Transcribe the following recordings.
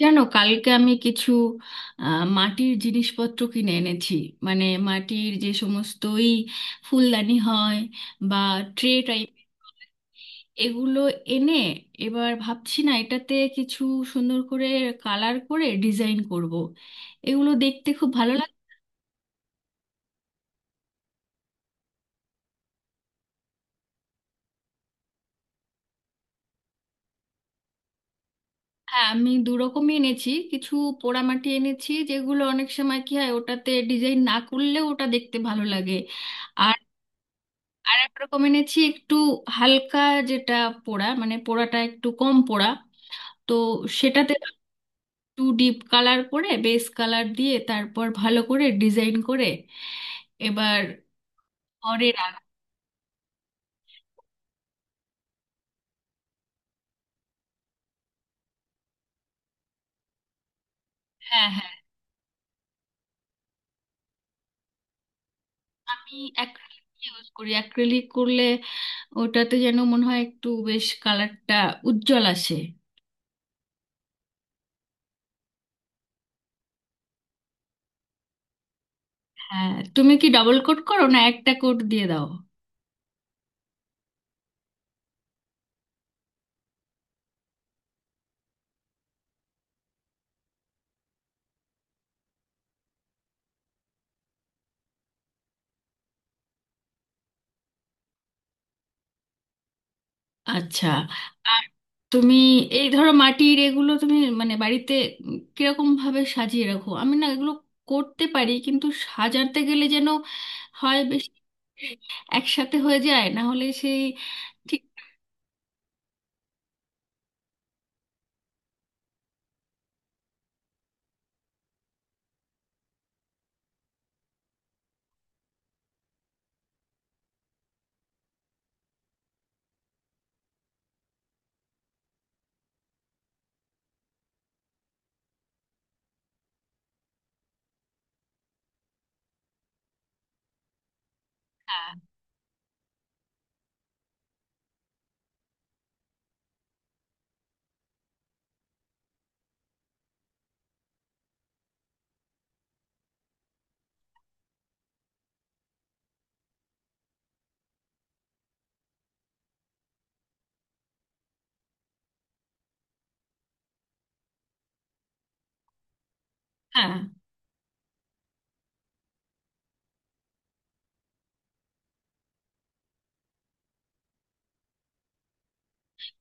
জানো কালকে আমি কিছু মাটির জিনিসপত্র কিনে এনেছি। মানে মাটির যে সমস্তই ফুলদানি হয় বা ট্রে টাইপ, এগুলো এনে এবার ভাবছি না এটাতে কিছু সুন্দর করে কালার করে ডিজাইন করব। এগুলো দেখতে খুব ভালো লাগে। হ্যাঁ আমি দু রকমই এনেছি। কিছু পোড়ামাটি এনেছি যেগুলো অনেক সময় কি হয়, ওটাতে ডিজাইন না করলেও ওটা দেখতে ভালো লাগে। আর এক রকমের এনেছি একটু হালকা, যেটা পোড়া মানে পোড়াটা একটু কম পোড়া। তো সেটাতে একটু ডিপ কালার করে বেস কালার দিয়ে তারপর ভালো করে ডিজাইন করে এবার ঘরে রাখ। হ্যাঁ হ্যাঁ আমি অ্যাক্রিলিক ইউজ করি। অ্যাক্রিলিক করলে ওটাতে যেন মনে হয় একটু বেশ কালারটা উজ্জ্বল আসে। হ্যাঁ তুমি কি ডাবল কোট করো না একটা কোট দিয়ে দাও? আচ্ছা। আর তুমি এই ধরো মাটির এগুলো তুমি মানে বাড়িতে কিরকম ভাবে সাজিয়ে রাখো? আমি না এগুলো করতে পারি কিন্তু সাজাতে গেলে যেন হয় বেশি একসাথে হয়ে যায়, না হলে সেই ঠিক। হ্যাঁ হ্যাঁ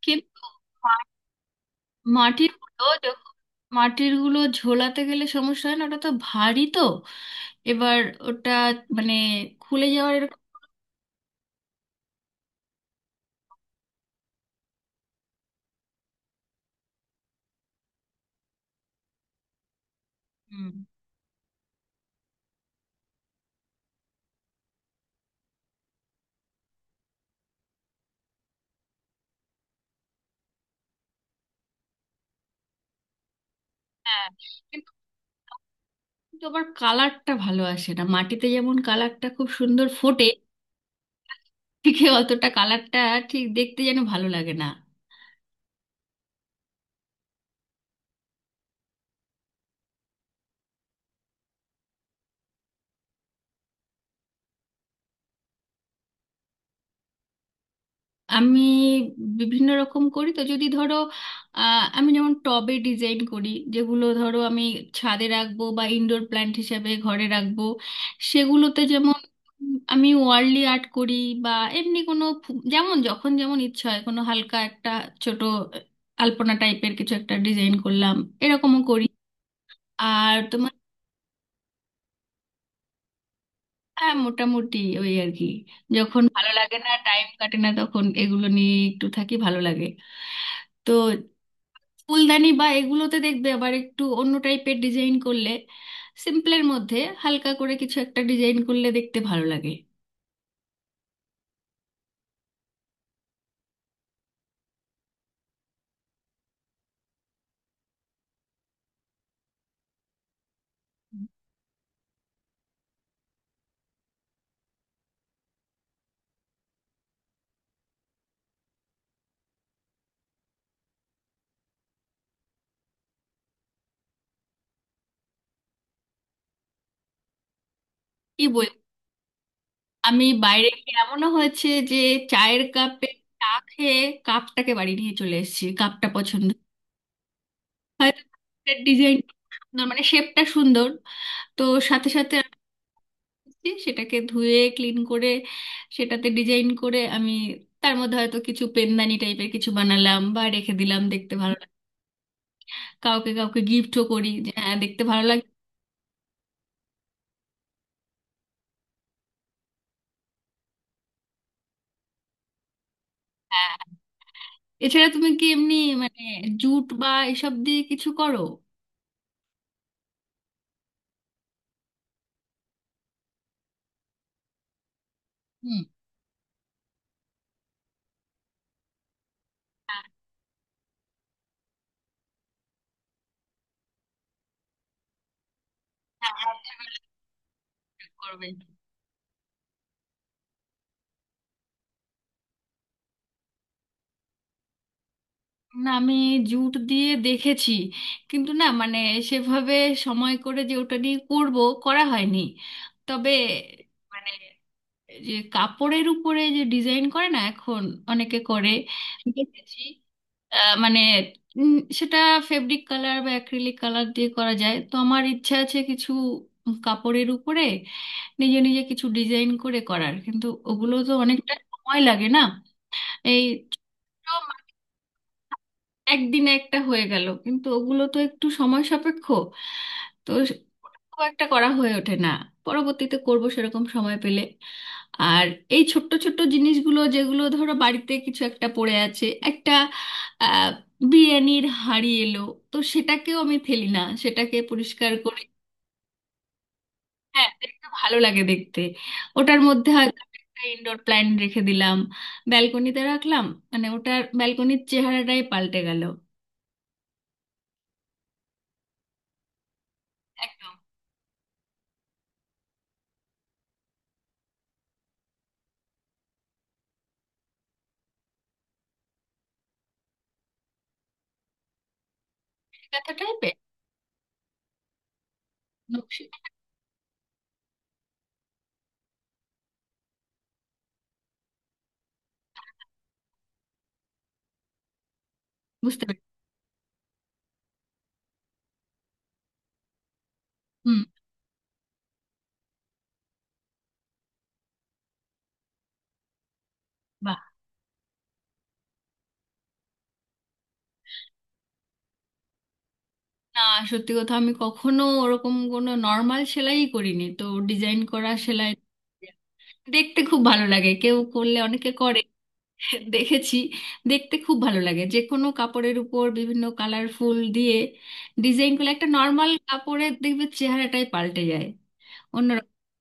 কিন্তু মা- মাটির গুলো যখন মাটির গুলো ঝোলাতে গেলে সমস্যা হয় না? ওটা তো ভারী, তো এবার ওটা মানে খুলে যাওয়ার এরকম- হুম। হ্যাঁ, কিন্তু আবার কালারটা ভালো আসে না। মাটিতে যেমন কালারটা খুব সুন্দর ফোটে, ঠিক অতটা কালারটা ঠিক দেখতে যেন ভালো লাগে না। আমি বিভিন্ন রকম করি। তো যদি ধরো, আমি যেমন টবে ডিজাইন করি যেগুলো ধরো আমি ছাদে রাখবো বা ইনডোর প্ল্যান্ট হিসাবে ঘরে রাখবো, সেগুলোতে যেমন আমি ওয়ার্লি আর্ট করি। বা এমনি কোনো যেমন যখন যেমন ইচ্ছা হয় কোনো হালকা একটা ছোট আলপনা টাইপের কিছু একটা ডিজাইন করলাম, এরকমও করি। আর তোমার? হ্যাঁ মোটামুটি, ওই আর কি। যখন ভালো লাগে না, টাইম কাটে না, তখন এগুলো নিয়ে একটু থাকি, ভালো লাগে। তো ফুলদানি বা এগুলোতে দেখবে আবার একটু অন্য টাইপের ডিজাইন করলে সিম্পলের মধ্যে হালকা করে কিছু একটা ডিজাইন করলে দেখতে ভালো লাগে। কি বল, আমি বাইরে গিয়ে এমনও হয়েছে যে চায়ের কাপে চা খেয়ে কাপটাকে বাড়ি নিয়ে চলে এসেছি। কাপটা পছন্দ, হয়তো ডিজাইন সুন্দর মানে শেপটা সুন্দর। তো সাথে সাথে যে সেটাকে ধুয়ে ক্লিন করে সেটাতে ডিজাইন করে আমি তার মধ্যে হয়তো কিছু পেনদানি টাইপের কিছু বানালাম বা রেখে দিলাম, দেখতে ভালো লাগে। কাউকে কাউকে গিফটও করি, যে হ্যাঁ দেখতে ভালো লাগে। হ্যাঁ। এছাড়া তুমি কি এমনি মানে জুট বা এসব দিয়ে কিছু করো? হুম। হ্যাঁ, হ্যাঁ, হাতের কাজ করবে। না আমি জুট দিয়ে দেখেছি, কিন্তু না মানে সেভাবে সময় করে যে ওটা নিয়ে করব, করা হয়নি। তবে মানে যে কাপড়ের উপরে যে ডিজাইন করে না এখন অনেকে করে, দেখেছি। মানে উম, সেটা ফেব্রিক কালার বা অ্যাক্রিলিক কালার দিয়ে করা যায়, তো আমার ইচ্ছা আছে কিছু কাপড়ের উপরে নিজে নিজে কিছু ডিজাইন করে করার, কিন্তু ওগুলো তো অনেকটা সময় লাগে না এই ছোট একদিনে একটা হয়ে গেল, কিন্তু ওগুলো তো একটু সময় সাপেক্ষ। তো খুব একটা করা হয়ে ওঠে না, পরবর্তীতে করব সেরকম সময় পেলে। আর এই ছোট্ট ছোট্ট জিনিসগুলো যেগুলো ধরো বাড়িতে কিছু একটা পড়ে আছে, একটা আহ, বিরিয়ানির হাঁড়ি এলো, তো সেটাকেও আমি ফেলি না, সেটাকে পরিষ্কার করে। হ্যাঁ দেখতে ভালো লাগে দেখতে। ওটার মধ্যে হয়তো একটা ইনডোর প্ল্যান্ট রেখে দিলাম, ব্যালকনিতে রাখলাম, মানে ওটার ব্যালকনির চেহারাটাই পাল্টে গেল। ব্যথা টাইপের। নকশি। বুঝতে পেরেছি। হুম। বাহ। না সত্যি কথা আমি কখনো ওরকম কোনো নর্মাল সেলাই করিনি তো, ডিজাইন করা সেলাই। দেখতে খুব ভালো লাগে কেউ করলে, অনেকে করে দেখেছি। দেখতে খুব ভালো লাগে যে কোনো কাপড়ের উপর বিভিন্ন কালারফুল দিয়ে ডিজাইন করলে একটা নর্মাল কাপড়ের দেখবে চেহারাটাই পাল্টে যায়, অন্যরকম হ্যাঁ।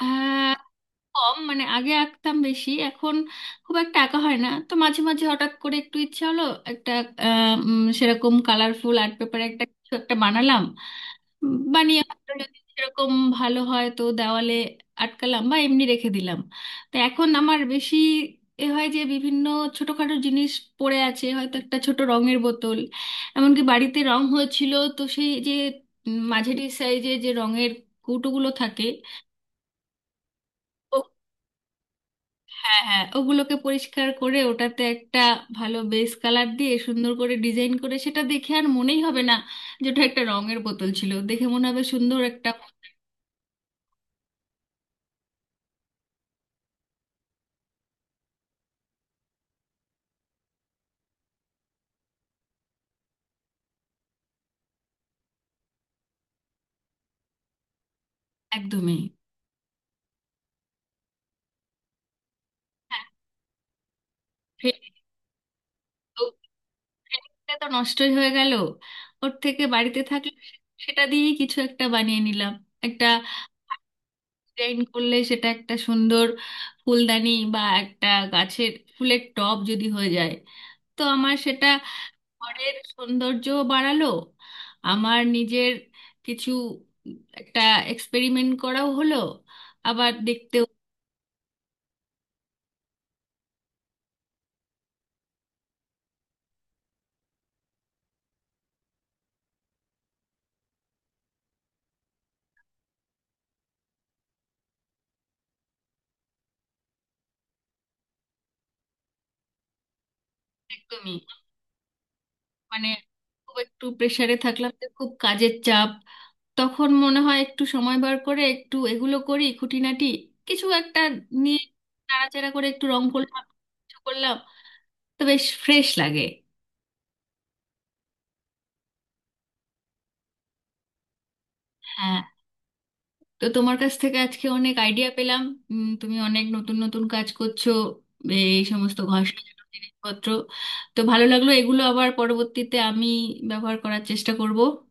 আহ, কম মানে আগে আঁকতাম বেশি, এখন খুব একটা আঁকা হয় না। তো মাঝে মাঝে হঠাৎ করে একটু ইচ্ছা হলো একটা সেরকম কালারফুল আর্ট পেপারে একটা কিছু একটা বানালাম। বানিয়ে হয়তো যদি সেরকম ভালো হয় তো দেওয়ালে আটকালাম বা এমনি রেখে দিলাম। তো এখন আমার বেশি এ হয় যে বিভিন্ন ছোটখাটো জিনিস পড়ে আছে, হয়তো একটা ছোট রঙের বোতল। এমনকি বাড়িতে রং হয়েছিল তো সেই যে মাঝারি সাইজে যে রঙের কৌটোগুলো থাকে, হ্যাঁ হ্যাঁ ওগুলোকে পরিষ্কার করে ওটাতে একটা ভালো বেস কালার দিয়ে সুন্দর করে ডিজাইন করে সেটা দেখে আর মনেই হবে না যে ওটা একটা রঙের বোতল ছিল, দেখে মনে হবে সুন্দর একটা। একদমই। হ্যাঁ। ফে- তো ফেরিটা তো নষ্টই হয়ে গেল, ওর থেকে বাড়িতে থাকলে সেটা দিয়েই কিছু একটা বানিয়ে নিলাম। একটা ডিজাইন করলে সেটা একটা সুন্দর ফুলদানি বা একটা গাছের ফুলের টব যদি হয়ে যায়, তো আমার সেটা ঘরের সৌন্দর্য বাড়ালো, আমার নিজের কিছু একটা এক্সপেরিমেন্ট করাও হলো, আবার দেখতেও। একদমই। মানে খুব একটু প্রেসারে থাকলাম যে খুব কাজের চাপ, তখন মনে হয় একটু সময় বার করে একটু এগুলো করি, খুঁটিনাটি কিছু একটা নিয়ে নাড়াচাড়া করে একটু রং করলাম কিছু করলাম, তো বেশ ফ্রেশ লাগে। হ্যাঁ, তো তোমার কাছ থেকে আজকে অনেক আইডিয়া পেলাম। তুমি অনেক নতুন নতুন কাজ করছো, এই সমস্ত ঘর সাজানোর জিনিসপত্র। তো ভালো লাগলো, এগুলো আবার পরবর্তীতে আমি ব্যবহার করার চেষ্টা করব।